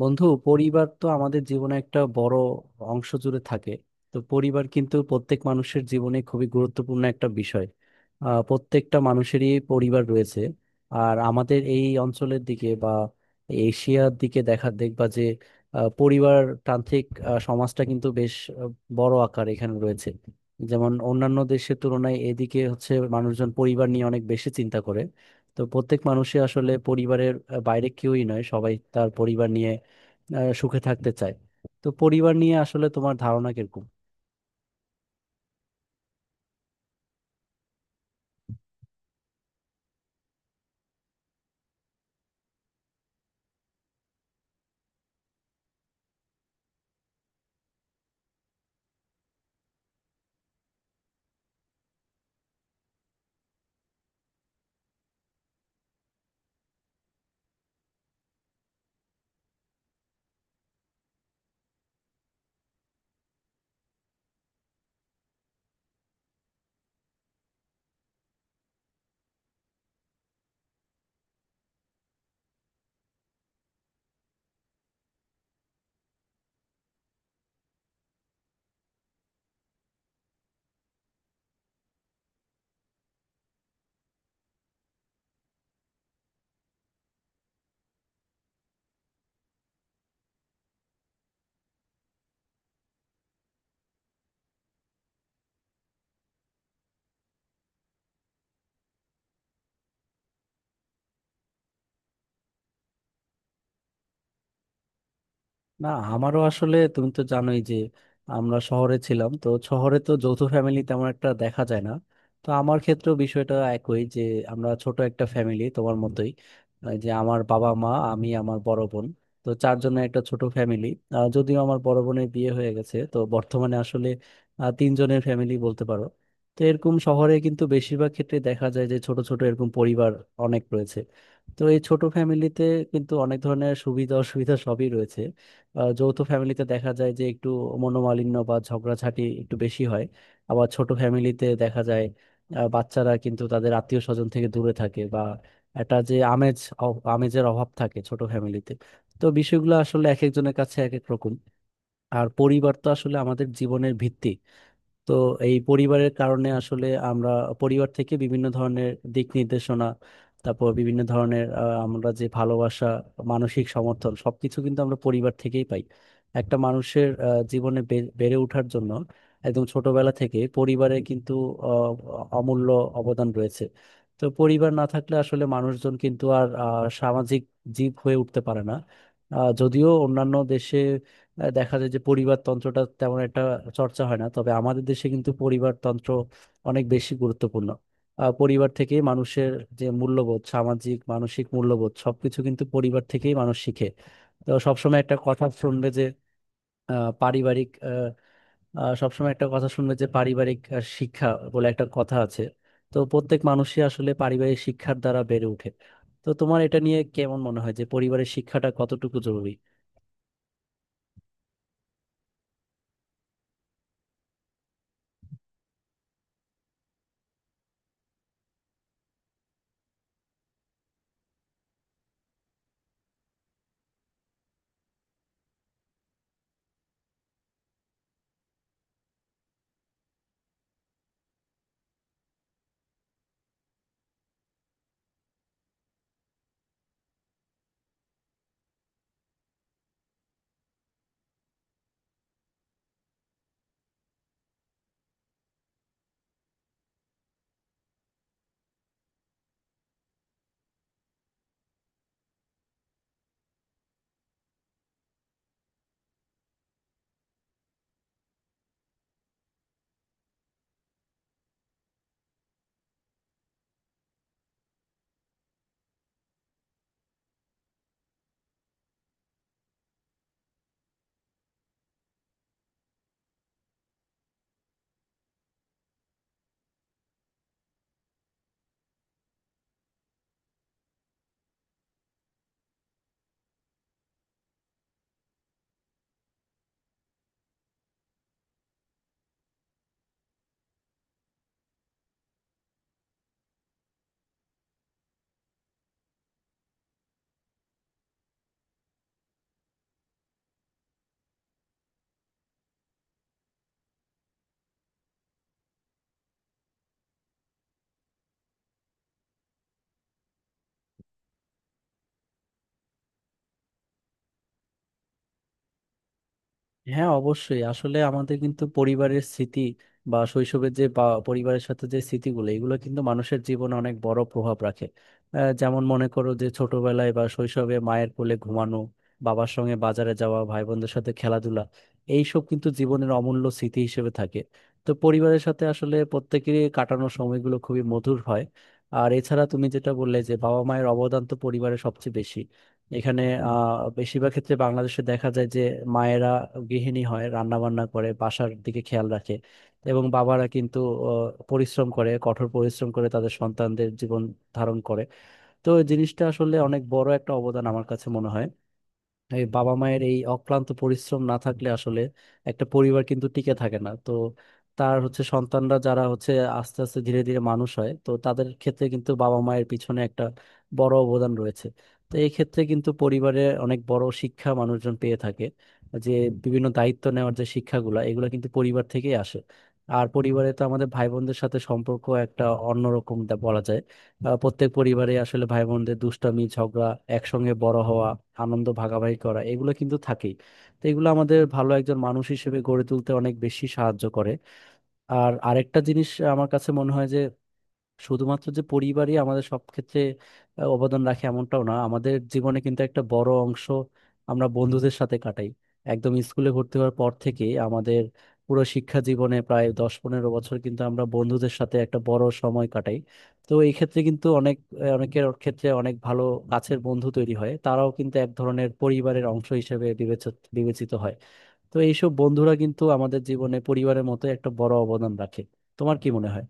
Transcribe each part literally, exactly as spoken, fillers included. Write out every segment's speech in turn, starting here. বন্ধু, পরিবার তো আমাদের জীবনে একটা বড় অংশ জুড়ে থাকে। তো পরিবার কিন্তু প্রত্যেক মানুষের জীবনে খুবই গুরুত্বপূর্ণ একটা বিষয়। আহ, প্রত্যেকটা মানুষেরই পরিবার রয়েছে। আর আমাদের এই অঞ্চলের দিকে বা এশিয়ার দিকে দেখা দেখবা যে আহ, পরিবার তান্ত্রিক আহ, সমাজটা কিন্তু বেশ আহ, বড় আকার এখানে রয়েছে। যেমন অন্যান্য দেশের তুলনায় এদিকে হচ্ছে মানুষজন পরিবার নিয়ে অনেক বেশি চিন্তা করে। তো প্রত্যেক মানুষই আসলে পরিবারের আহ, বাইরে কেউই নয়, সবাই তার পরিবার নিয়ে আহ, সুখে থাকতে চায়। তো পরিবার নিয়ে আসলে তোমার ধারণা কিরকম? না, আমারও আসলে, তুমি তো জানোই যে আমরা শহরে ছিলাম, তো শহরে তো যৌথ ফ্যামিলি তেমন একটা দেখা যায় না। তো আমার ক্ষেত্রেও বিষয়টা একই, যে আমরা ছোট একটা ফ্যামিলি তোমার মতোই। আহ, যে আমার বাবা, মা, আমি, আমার বড় বোন, তো চারজনের একটা ছোট ফ্যামিলি। যদিও আমার বড় বোনের বিয়ে হয়ে গেছে, তো বর্তমানে আসলে আহ, তিনজনের ফ্যামিলি বলতে পারো। তো এরকম শহরে কিন্তু বেশিরভাগ ক্ষেত্রে দেখা যায় যে ছোট ছোট এরকম পরিবার অনেক রয়েছে। তো এই ছোট ফ্যামিলিতে কিন্তু অনেক ধরনের সুবিধা অসুবিধা সবই রয়েছে। আহ, যৌথ ফ্যামিলিতে দেখা যায় যে একটু মনোমালিন্য বা ঝগড়াঝাটি একটু বেশি হয়। আবার ছোট ফ্যামিলিতে দেখা যায় আহ, বাচ্চারা কিন্তু তাদের আত্মীয় স্বজন থেকে দূরে থাকে, বা একটা যে আমেজ অ- আমেজের অভাব থাকে ছোট ফ্যামিলিতে। তো বিষয়গুলো আসলে এক একজনের কাছে এক এক রকম। আর পরিবার তো আসলে আমাদের জীবনের ভিত্তি। তো এই পরিবারের কারণে আসলে আমরা পরিবার থেকে বিভিন্ন ধরনের দিক নির্দেশনা, তারপর বিভিন্ন ধরনের আহ, আমরা যে ভালোবাসা, মানসিক সমর্থন, সবকিছু কিন্তু আমরা পরিবার থেকেই পাই। একটা মানুষের আহ, জীবনে বে- বেড়ে ওঠার জন্য, একদম ছোটবেলা থেকে পরিবারের কিন্তু আহ, অমূল্য অবদান রয়েছে। তো পরিবার না থাকলে আসলে মানুষজন কিন্তু আর আহ, সামাজিক জীব হয়ে উঠতে পারে না। আহ, যদিও অন্যান্য দেশে আহ দেখা যায় যে পরিবারতন্ত্রটা তেমন একটা চর্চা হয় না, তবে আমাদের দেশে কিন্তু পরিবারতন্ত্র অনেক বেশি গুরুত্বপূর্ণ। আহ, পরিবার থেকেই মানুষের যে মূল্যবোধ, সামাজিক মানসিক মূল্যবোধ সবকিছু কিন্তু পরিবার থেকেই মানুষ শিখে। তো সবসময় একটা কথা শুনবে যে আহ, পারিবারিক আহ, আহ, সবসময় একটা কথা শুনবে যে পারিবারিক আহ, শিক্ষা বলে একটা কথা আছে। তো প্রত্যেক মানুষই আসলে পারিবারিক শিক্ষার দ্বারা বেড়ে ওঠে। তো তোমার এটা নিয়ে কেমন মনে হয় যে পরিবারের শিক্ষাটা কতটুকু জরুরি? হ্যাঁ, অবশ্যই। আসলে আমাদের কিন্তু পরিবারের স্মৃতি, বা শৈশবের যে, বা পরিবারের সাথে যে স্মৃতিগুলো, এগুলো কিন্তু মানুষের জীবনে অনেক বড় প্রভাব রাখে। আহ, যেমন মনে করো যে ছোটবেলায় বা শৈশবে মায়ের কোলে ঘুমানো, বাবার সঙ্গে বাজারে যাওয়া, ভাই বোনদের সাথে খেলাধুলা, এইসব কিন্তু জীবনের অমূল্য স্মৃতি হিসেবে থাকে। তো পরিবারের সাথে আসলে প্রত্যেকেরই কাটানোর সময়গুলো খুবই মধুর হয়। আর এছাড়া তুমি যেটা বললে যে বাবা মায়ের অবদান তো পরিবারে সবচেয়ে বেশি। এখানে আহ বেশিরভাগ ক্ষেত্রে বাংলাদেশে দেখা যায় যে মায়েরা গৃহিণী হয়, রান্না বান্না করে, বাসার দিকে খেয়াল রাখে, এবং বাবারা কিন্তু আহ, পরিশ্রম করে, কঠোর পরিশ্রম করে তাদের সন্তানদের জীবন ধারণ করে। তো এই জিনিসটা আসলে অনেক বড় একটা অবদান আমার কাছে মনে হয়। এই বাবা মায়ের এই অক্লান্ত পরিশ্রম না থাকলে আসলে একটা পরিবার কিন্তু টিকে থাকে না। তো তার হচ্ছে সন্তানরা, যারা হচ্ছে আস্তে আস্তে ধীরে ধীরে মানুষ হয়, তো তাদের ক্ষেত্রে কিন্তু বাবা মায়ের পিছনে একটা বড় অবদান রয়েছে। তো এই ক্ষেত্রে কিন্তু পরিবারে অনেক বড় শিক্ষা মানুষজন পেয়ে থাকে, যে বিভিন্ন দায়িত্ব নেওয়ার যে শিক্ষাগুলো, এগুলো কিন্তু পরিবার থেকেই আসে। আর পরিবারে তো আমাদের ভাই বোনদের সাথে সম্পর্ক একটা অন্যরকম দা- বলা যায়। আহ, প্রত্যেক পরিবারে আসলে ভাই বোনদের দুষ্টামি, ঝগড়া, একসঙ্গে বড় হওয়া, আনন্দ ভাগাভাগি করা, এগুলো কিন্তু থাকেই। তো এগুলো আমাদের ভালো একজন মানুষ হিসেবে গড়ে তুলতে অনেক বেশি সাহায্য করে। আর আরেকটা জিনিস আমার কাছে মনে হয় যে শুধুমাত্র যে পরিবারই আমাদের সব ক্ষেত্রে আহ, অবদান রাখে এমনটাও না। আমাদের জীবনে কিন্তু একটা বড় অংশ আমরা বন্ধুদের সাথে কাটাই। একদম স্কুলে ভর্তি হওয়ার পর থেকে আমাদের পুরো শিক্ষা জীবনে প্রায় দশ পনেরো বছর কিন্তু আমরা বন্ধুদের সাথে একটা বড় সময় কাটাই। তো এই ক্ষেত্রে কিন্তু অনেক আহ, অনেকের ক্ষেত্রে অনেক ভালো কাছের বন্ধু তৈরি হয়, তারাও কিন্তু এক ধরনের পরিবারের অংশ হিসেবে বিবেচিত বিবেচিত হয়। তো এইসব বন্ধুরা কিন্তু আমাদের জীবনে পরিবারের মতো একটা বড় অবদান রাখে। তোমার কি মনে হয়?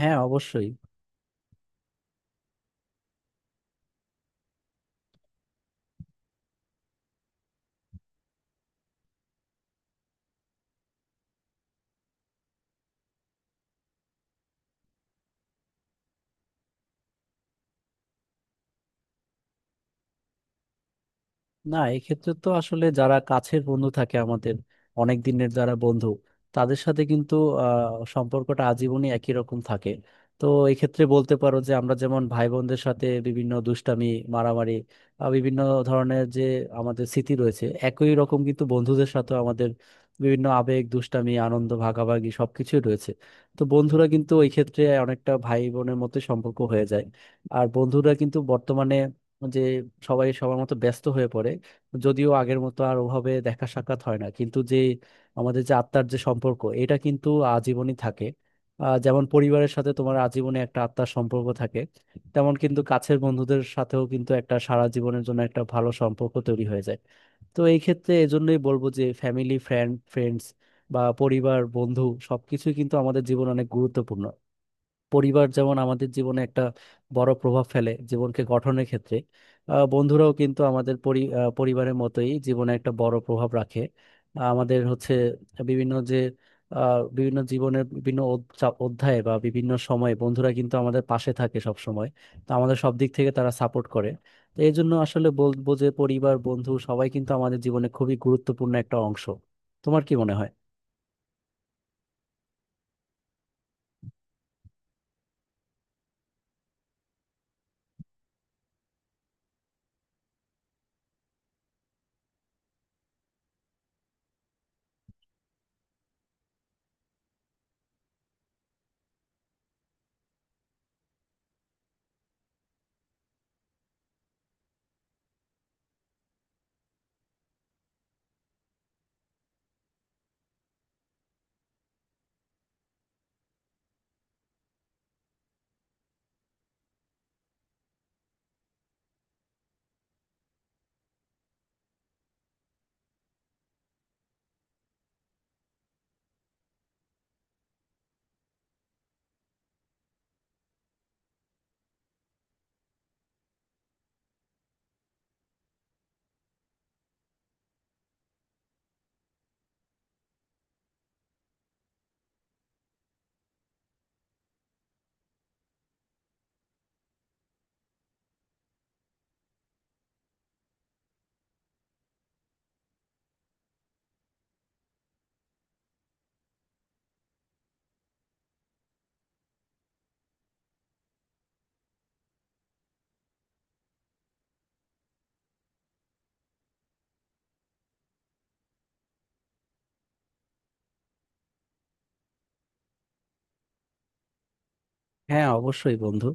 হ্যাঁ, অবশ্যই। না, এক্ষেত্রে তো আসলে যারা কাছের বন্ধু থাকে আমাদের, অনেক দিনের যারা বন্ধু, তাদের সাথে কিন্তু আহ, সম্পর্কটা আজীবনই একই রকম থাকে। তো এক্ষেত্রে বলতে পারো যে আমরা যেমন ভাই বোনদের সাথে বিভিন্ন দুষ্টামি, মারামারি, আহ, বিভিন্ন ধরনের যে আমাদের স্মৃতি রয়েছে, একই রকম কিন্তু বন্ধুদের সাথে আমাদের বিভিন্ন আবেগ, দুষ্টামি, আনন্দ ভাগাভাগি, সবকিছুই রয়েছে। তো বন্ধুরা কিন্তু ওই ক্ষেত্রে অনেকটা ভাই বোনের মতো সম্পর্ক হয়ে যায়। আর বন্ধুরা কিন্তু বর্তমানে, যে সবাই সবার মতো ব্যস্ত হয়ে পড়ে, যদিও আগের মতো আর ওভাবে দেখা সাক্ষাৎ হয় না, কিন্তু যে আমাদের যে আত্মার যে সম্পর্ক, এটা কিন্তু আজীবনই থাকে। আহ, যেমন পরিবারের সাথে তোমার আজীবনে একটা আত্মার সম্পর্ক থাকে, তেমন কিন্তু কাছের বন্ধুদের সাথেও কিন্তু একটা সারা জীবনের জন্য একটা ভালো সম্পর্ক তৈরি হয়ে যায়। তো এই ক্ষেত্রে এজন্যই বলবো যে ফ্যামিলি ফ্রেন্ড ফ্রেন্ডস বা পরিবার বন্ধু সবকিছুই কিন্তু আমাদের জীবন অনেক গুরুত্বপূর্ণ। পরিবার যেমন আমাদের জীবনে একটা বড় প্রভাব ফেলে জীবনকে গঠনের ক্ষেত্রে, আহ, বন্ধুরাও কিন্তু আমাদের পরি আহ, পরিবারের মতোই জীবনে একটা বড় প্রভাব রাখে। আহ, আমাদের হচ্ছে বিভিন্ন যে আহ, বিভিন্ন জীবনের বিভিন্ন অধ- চা- অধ্যায়ে বা বিভিন্ন সময়ে বন্ধুরা কিন্তু আমাদের পাশে থাকে সব সময়। তো আমাদের সব দিক থেকে তারা সাপোর্ট করে। তো এই জন্য আসলে বলবো যে পরিবার বন্ধু সবাই কিন্তু আমাদের জীবনে খুবই গুরুত্বপূর্ণ একটা অংশ। তোমার কি মনে হয়? হ্যাঁ, অবশ্যই বন্ধু।